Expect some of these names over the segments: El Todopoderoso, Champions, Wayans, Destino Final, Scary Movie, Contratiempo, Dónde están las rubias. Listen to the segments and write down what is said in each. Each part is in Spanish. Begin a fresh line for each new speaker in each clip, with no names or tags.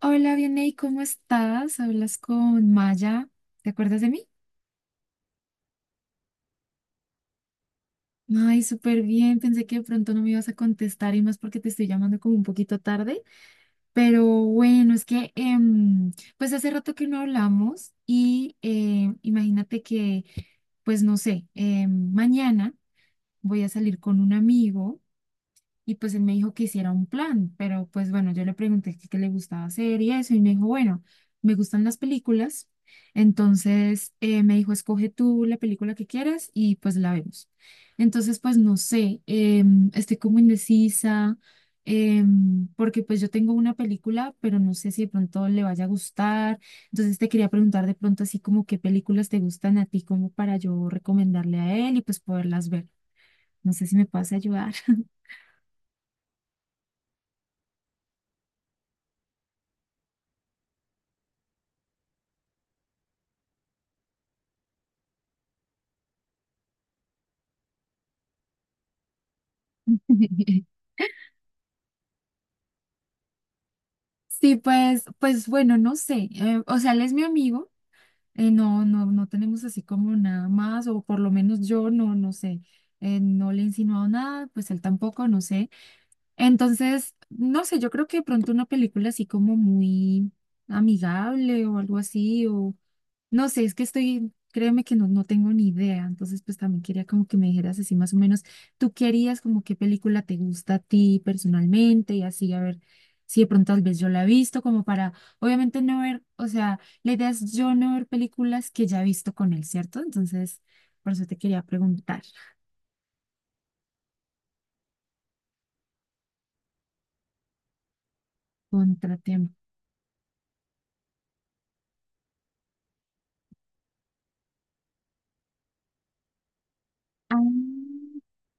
Hola, Vianey, ¿cómo estás? Hablas con Maya. ¿Te acuerdas de mí? Ay, súper bien. Pensé que de pronto no me ibas a contestar y más porque te estoy llamando como un poquito tarde. Pero bueno, es que pues hace rato que no hablamos y imagínate que, pues no sé, mañana voy a salir con un amigo. Y pues él me dijo que hiciera un plan, pero pues bueno, yo le pregunté qué le gustaba hacer y eso, y me dijo, bueno, me gustan las películas. Entonces, me dijo, escoge tú la película que quieras y pues la vemos. Entonces, pues no sé, estoy como indecisa, porque pues yo tengo una película, pero no sé si de pronto le vaya a gustar, entonces te quería preguntar de pronto así como qué películas te gustan a ti, como para yo recomendarle a él y pues poderlas ver. No sé si me puedes ayudar. Sí, pues bueno, no sé. O sea, él es mi amigo. No, no, no tenemos así como nada más, o por lo menos yo no, no sé. No le he insinuado nada, pues él tampoco, no sé. Entonces, no sé, yo creo que de pronto una película así como muy amigable o algo así, o no sé, es que estoy, créeme que no, no tengo ni idea, entonces pues también quería como que me dijeras así más o menos, tú qué harías, como qué película te gusta a ti personalmente y así, a ver si de pronto tal vez yo la he visto, como para, obviamente no ver, o sea, la idea es yo no ver películas que ya he visto con él, ¿cierto? Entonces, por eso te quería preguntar. Contratiempo. Ah,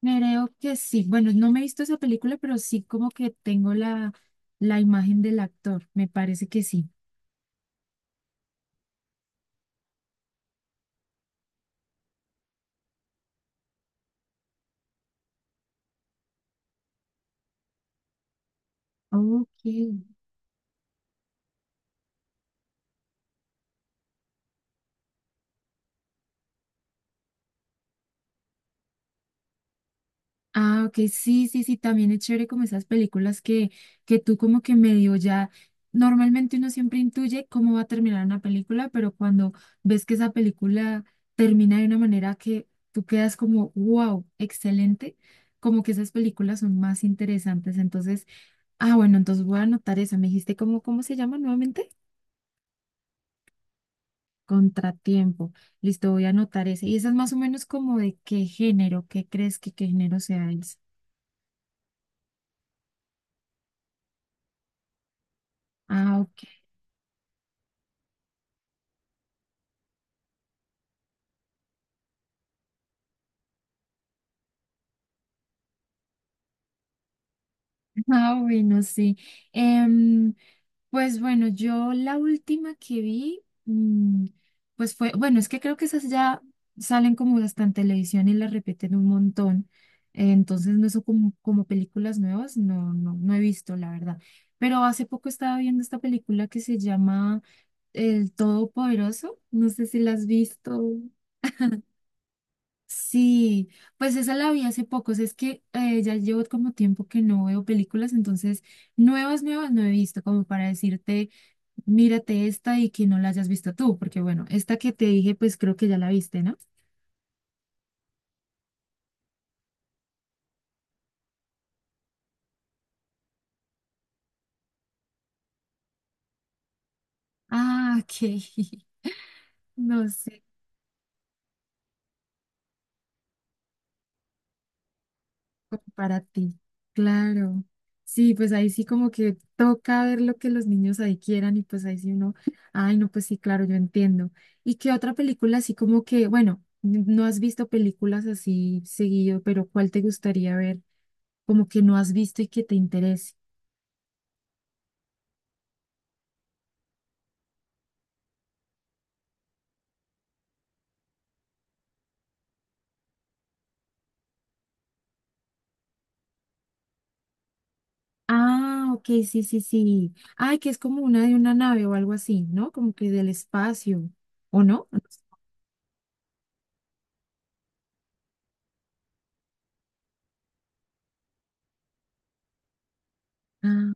creo que sí. Bueno, no me he visto esa película, pero sí como que tengo la imagen del actor. Me parece que sí. Ok. Ah, ok, sí, sí, sí, también es chévere como esas películas que tú como que medio ya, normalmente uno siempre intuye cómo va a terminar una película, pero cuando ves que esa película termina de una manera que tú quedas como, wow, excelente, como que esas películas son más interesantes. Entonces, ah, bueno, entonces voy a anotar esa. Me dijiste cómo se llama nuevamente. Contratiempo. Listo, voy a anotar esa. Y esa es más o menos como de qué género, qué crees que qué género sea esa. Ah, ok. Ah, bueno, sí. Em, Pues bueno, yo la última que vi, pues fue, bueno, es que creo que esas ya salen como hasta en televisión y las repiten un montón. Entonces no son como películas nuevas, no, no, no he visto, la verdad. Pero hace poco estaba viendo esta película que se llama El Todopoderoso. No sé si la has visto. Sí, pues esa la vi hace poco. O sea, es que ya llevo como tiempo que no veo películas. Entonces nuevas, nuevas no he visto, como para decirte. Mírate esta y que no la hayas visto tú, porque bueno, esta que te dije, pues creo que ya la viste, ¿no? Ah, ok. No sé, para ti. Claro. Sí, pues ahí sí como que toca ver lo que los niños ahí quieran y pues ahí sí uno, ay, no, pues sí, claro, yo entiendo. ¿Y qué otra película así como que, bueno, no has visto películas así seguido, pero cuál te gustaría ver como que no has visto y que te interese? Ah, ok, sí, sí, sí. Ay, que es como una de una nave o algo así, ¿no? Como que del espacio, ¿o no? Ah,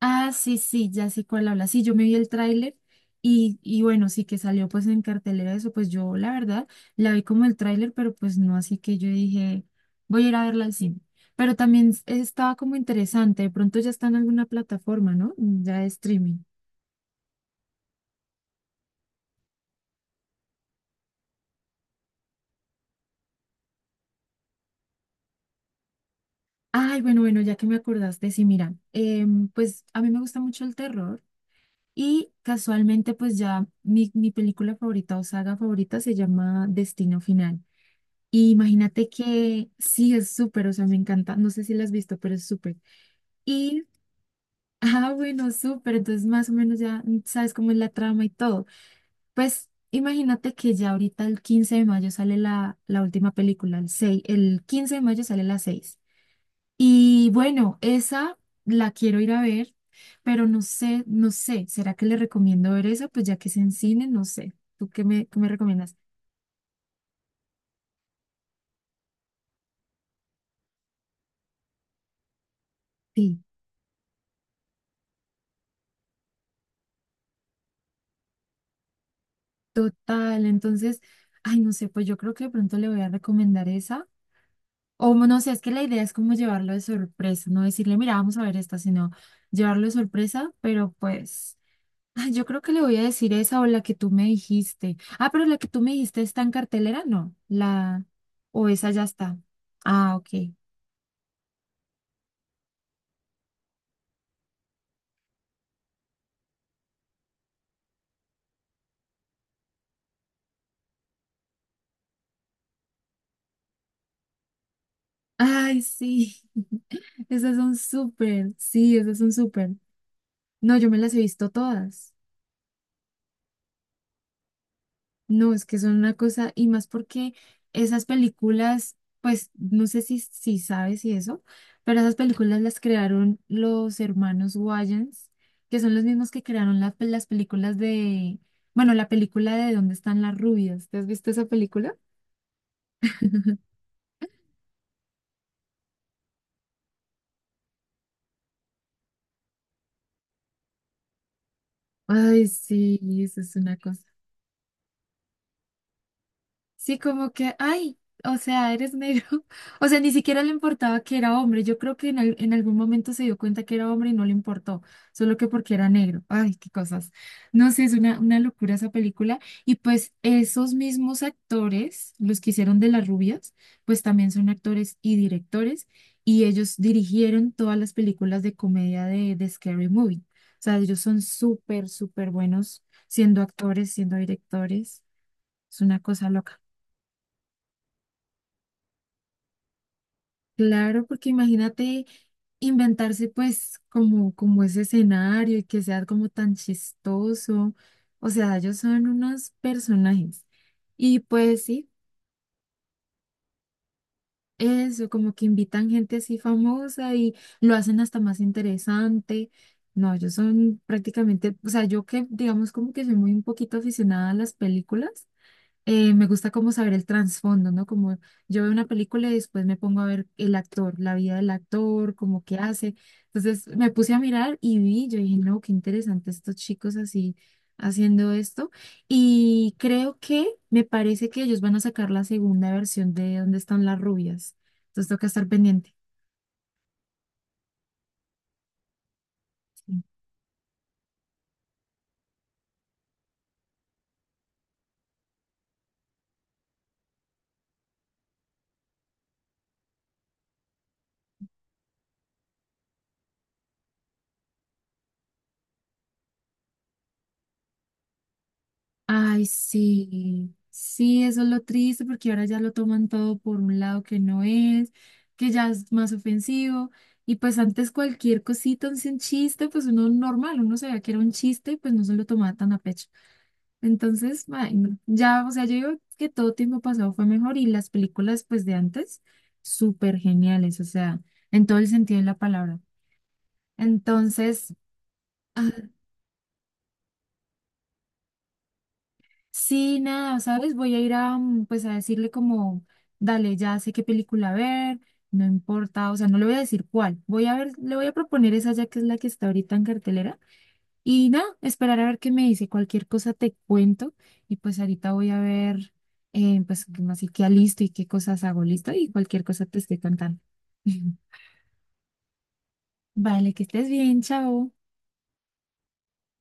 sí, sí, ya sé cuál habla. Sí, yo me vi el tráiler y bueno, sí que salió pues en cartelera eso, pues yo la verdad la vi como el tráiler, pero pues no, así que yo dije, voy a ir a verla al cine. Pero también estaba como interesante. De pronto ya está en alguna plataforma, ¿no? Ya de streaming. Ay, bueno, bueno, ya que me acordaste, sí, mira, pues a mí me gusta mucho el terror. Y casualmente, pues ya mi película favorita o saga favorita se llama Destino Final. Y imagínate que sí, es súper, o sea, me encanta. No sé si la has visto, pero es súper. Y, ah, bueno, súper. Entonces, más o menos ya sabes cómo es la trama y todo. Pues imagínate que ya ahorita el 15 de mayo sale la última película, el seis. El 15 de mayo sale la 6 y bueno, esa la quiero ir a ver, pero no sé, no sé, ¿será que le recomiendo ver esa? Pues ya que es en cine, no sé. ¿Tú qué me recomiendas? Sí, total. Entonces, ay, no sé, pues yo creo que de pronto le voy a recomendar esa. O no sé, es que la idea es como llevarlo de sorpresa, no decirle, mira, vamos a ver esta, sino llevarlo de sorpresa, pero pues, ay, yo creo que le voy a decir esa o la que tú me dijiste. Ah, pero la que tú me dijiste está en cartelera, no, la, o esa ya está. Ah, ok. Ay, sí. Esas son súper. Sí, esas son súper. No, yo me las he visto todas. No, es que son una cosa, y más porque esas películas, pues no sé si sabes y eso, pero esas películas las crearon los hermanos Wayans, que son los mismos que crearon las películas de, bueno, la película de ¿Dónde están las rubias? ¿Te has visto esa película? Ay, sí, eso es una cosa. Sí, como que, ay, o sea, eres negro. O sea, ni siquiera le importaba que era hombre. Yo creo que en algún momento se dio cuenta que era hombre y no le importó, solo que porque era negro. Ay, qué cosas. No sé, es una locura esa película. Y pues esos mismos actores, los que hicieron de las rubias, pues también son actores y directores y ellos dirigieron todas las películas de comedia de Scary Movie. O sea, ellos son súper, súper buenos siendo actores, siendo directores. Es una cosa loca. Claro, porque imagínate inventarse pues como ese escenario y que sea como tan chistoso. O sea, ellos son unos personajes. Y pues sí, eso, como que invitan gente así famosa y lo hacen hasta más interesante. No, ellos son prácticamente, o sea, yo que digamos como que soy muy un poquito aficionada a las películas. Me gusta como saber el trasfondo, ¿no? Como yo veo una película y después me pongo a ver el actor, la vida del actor, como qué hace. Entonces me puse a mirar y vi, yo dije, no, qué interesante estos chicos así haciendo esto. Y creo que me parece que ellos van a sacar la segunda versión de ¿Dónde están las rubias? Entonces toca estar pendiente. Ay, sí, sí, eso es lo triste porque ahora ya lo toman todo por un lado que no es, que ya es más ofensivo. Y pues antes cualquier cosita, así un chiste, pues uno normal, uno sabía que era un chiste y pues no se lo tomaba tan a pecho. Entonces, ay, no, ya, o sea, yo digo que todo tiempo pasado fue mejor y las películas pues de antes, súper geniales, o sea, en todo el sentido de la palabra. Entonces... ah, Sí, nada, ¿sabes? Voy a ir a, pues a decirle como, dale, ya sé qué película ver, no importa, o sea, no le voy a decir cuál, voy a ver, le voy a proponer esa ya que es la que está ahorita en cartelera y nada, esperar a ver qué me dice, cualquier cosa te cuento y pues ahorita voy a ver, pues como así que listo y qué cosas hago listo y cualquier cosa te estoy contando. Vale, que estés bien, chao.